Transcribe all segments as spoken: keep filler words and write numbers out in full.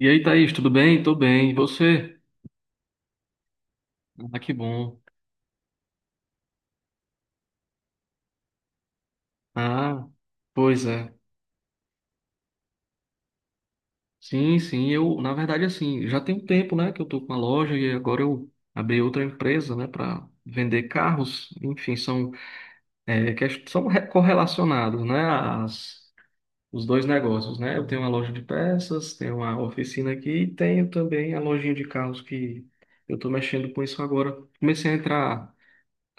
E aí, Thaís, tudo bem? Tô bem. E você? Ah, que bom. Ah, pois é. Sim, sim, eu, na verdade, assim, já tem um tempo, né, que eu tô com a loja e agora eu abri outra empresa, né, para vender carros. Enfim, são, é, ques- são re- correlacionados, né, as, os dois negócios, né? Eu tenho uma loja de peças, tenho uma oficina aqui e tenho também a lojinha de carros que eu tô mexendo com isso agora. Comecei a entrar.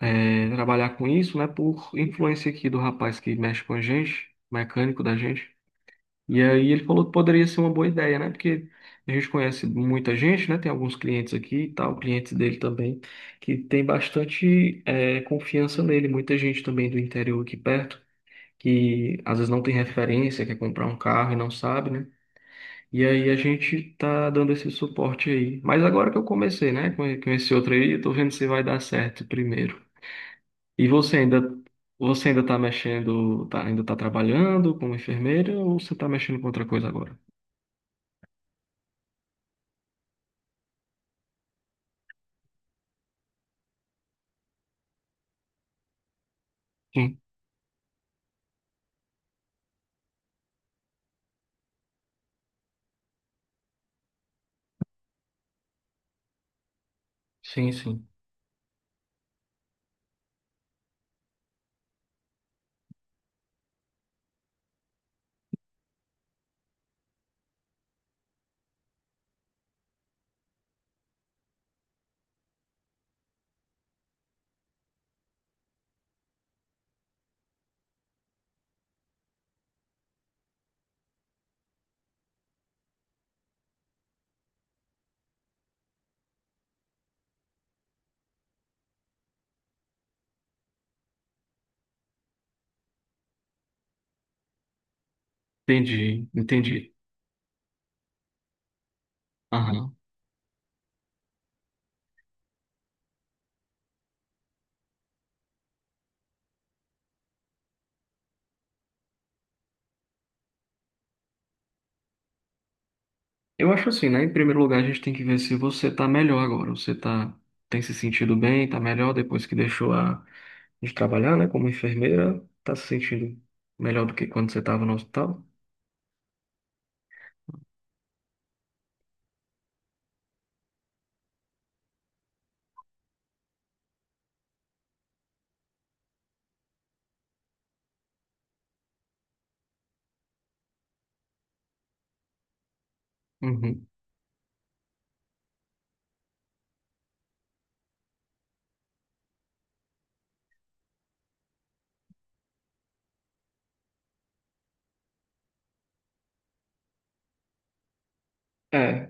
é, Trabalhar com isso, né? Por influência aqui do rapaz que mexe com a gente, mecânico da gente. E aí ele falou que poderia ser uma boa ideia, né? Porque a gente conhece muita gente, né? Tem alguns clientes aqui e tal, clientes dele também, que tem bastante é, confiança nele. Muita gente também do interior aqui perto, que às vezes não tem referência, quer comprar um carro e não sabe, né? E aí a gente tá dando esse suporte aí. Mas agora que eu comecei, né? Com com esse outro aí, eu tô vendo se vai dar certo primeiro. E você ainda, você ainda está mexendo, tá, ainda está trabalhando como enfermeira ou você está mexendo com outra coisa agora? Sim, sim, sim. Entendi, entendi. Aham. Eu acho assim, né? Em primeiro lugar, a gente tem que ver se você está melhor agora. Você tá, tem se sentido bem, está melhor depois que deixou a, de trabalhar, né? Como enfermeira, está se sentindo melhor do que quando você estava no hospital? Uhum. É.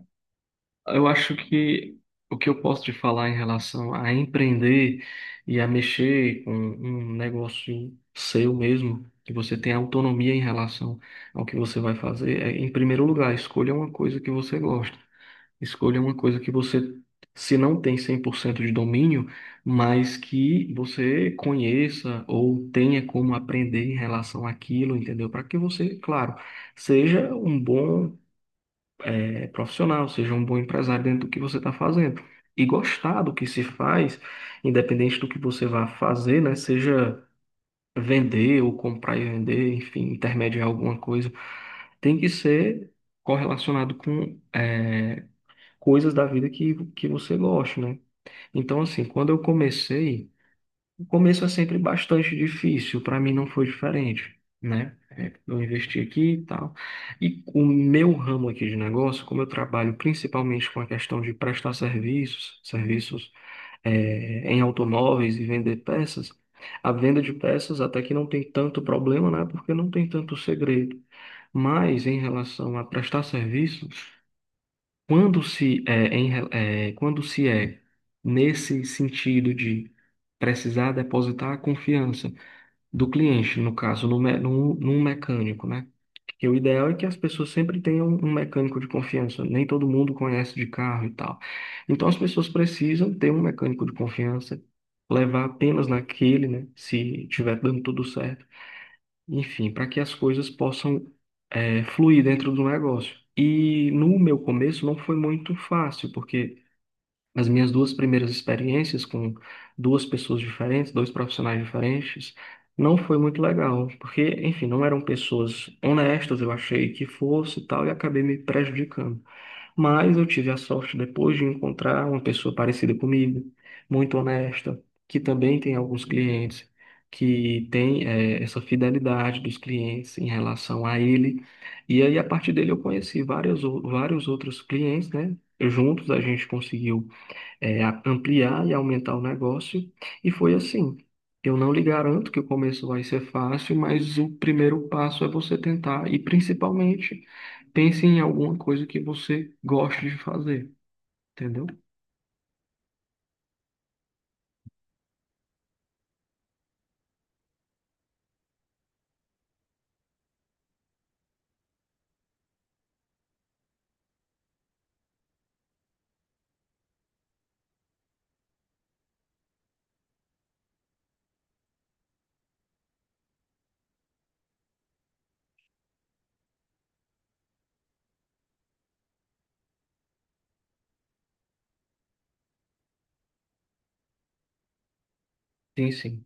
Eu acho que o que eu posso te falar em relação a empreender e a mexer com um negócio seu mesmo, que você tem autonomia em relação ao que você vai fazer, é, em primeiro lugar, escolha uma coisa que você gosta. Escolha uma coisa que você, se não tem cem por cento de domínio, mas que você conheça ou tenha como aprender em relação àquilo, entendeu? Para que você, claro, seja um bom é, profissional, seja um bom empresário dentro do que você está fazendo. E gostar do que se faz, independente do que você vá fazer, né? Seja vender ou comprar e vender, enfim, intermediar alguma coisa, tem que ser correlacionado com é, coisas da vida que, que você gosta, né? Então, assim, quando eu comecei. O começo é sempre bastante difícil, para mim não foi diferente, né? É, eu investi aqui e tal. E o meu ramo aqui de negócio, como eu trabalho principalmente com a questão de prestar serviços, serviços é, em automóveis e vender peças, a venda de peças até que não tem tanto problema, né? Porque não tem tanto segredo. Mas em relação a prestar serviços quando se é, em re- é, quando se é nesse sentido de precisar depositar a confiança do cliente, no caso, no, me- no, num mecânico, né? Que o ideal é que as pessoas sempre tenham um mecânico de confiança. Nem todo mundo conhece de carro e tal. Então as pessoas precisam ter um mecânico de confiança, levar apenas naquele, né? Se tiver dando tudo certo enfim, para que as coisas possam é, fluir dentro do negócio. E no meu começo não foi muito fácil, porque as minhas duas primeiras experiências com duas pessoas diferentes, dois profissionais diferentes, não foi muito legal, porque, enfim, não eram pessoas honestas, eu achei que fosse e tal, e acabei me prejudicando. Mas eu tive a sorte depois de encontrar uma pessoa parecida comigo, muito honesta, que também tem alguns clientes, que tem eh, essa fidelidade dos clientes em relação a ele. E aí, a partir dele, eu conheci várias, ou- vários outros clientes, né? Juntos a gente conseguiu é, a- ampliar e aumentar o negócio. E foi assim. Eu não lhe garanto que o começo vai ser fácil, mas o primeiro passo é você tentar e principalmente pense em alguma coisa que você goste de fazer, entendeu? Sim, sim.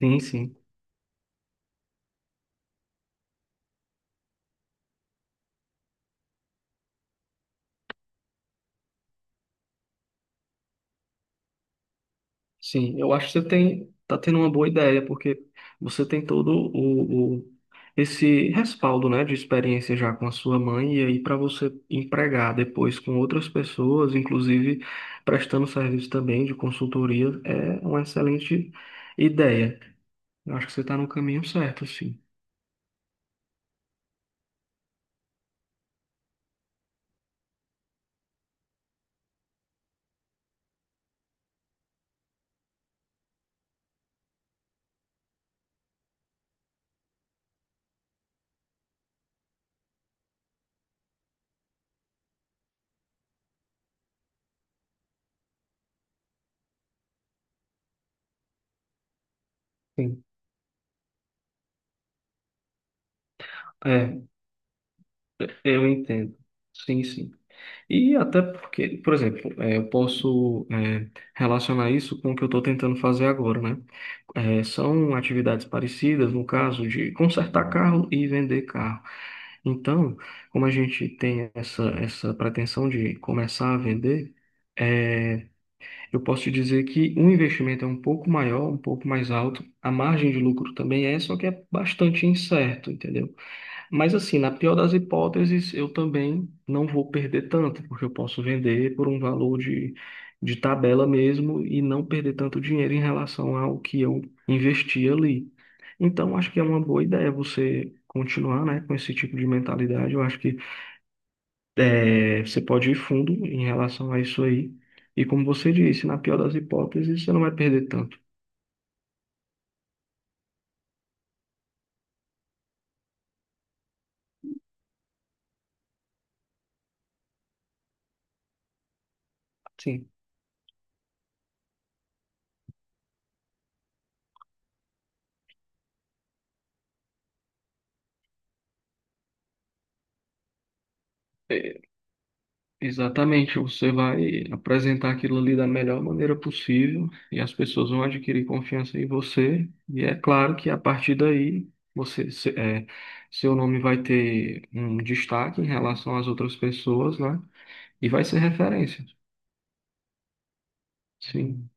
Sim, sim. Sim, eu acho que você tem, tá tendo uma boa ideia, porque você tem todo o, o- esse respaldo, né, de experiência já com a sua mãe, e aí para você empregar depois com outras pessoas, inclusive prestando serviço também de consultoria, é uma excelente ideia. Eu acho que você está no caminho certo, sim. Sim. É, eu entendo. Sim, sim. E até porque, por exemplo, eh, eu posso eh, relacionar isso com o que eu estou tentando fazer agora, né? Eh, são atividades parecidas, no caso de consertar carro e vender carro. Então, como a gente tem essa, essa pretensão de começar a vender, eh, eu posso te dizer que o investimento é um pouco maior, um pouco mais alto, a margem de lucro também é, só que é bastante incerto, entendeu? Mas assim, na pior das hipóteses, eu também não vou perder tanto, porque eu posso vender por um valor de, de tabela mesmo e não perder tanto dinheiro em relação ao que eu investi ali. Então, acho que é uma boa ideia você continuar, né, com esse tipo de mentalidade. Eu acho que eh, você pode ir fundo em relação a isso aí. E como você disse, na pior das hipóteses, você não vai perder tanto. Sim. Exatamente, você vai apresentar aquilo ali da melhor maneira possível e as pessoas vão adquirir confiança em você. E é claro que a partir daí você, se- é, seu nome vai ter um destaque em relação às outras pessoas, né? E vai ser referência. Sim.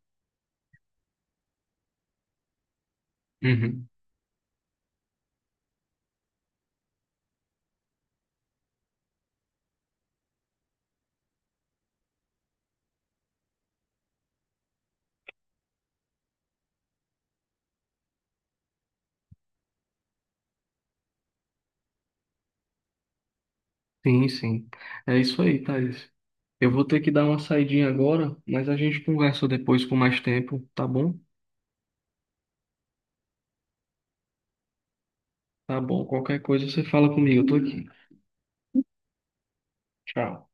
Uhum. Sim, sim. É isso aí, Thaís. Eu vou ter que dar uma saidinha agora, mas a gente conversa depois com mais tempo, tá bom? Tá bom. Qualquer coisa você fala comigo, eu tô aqui. Tchau.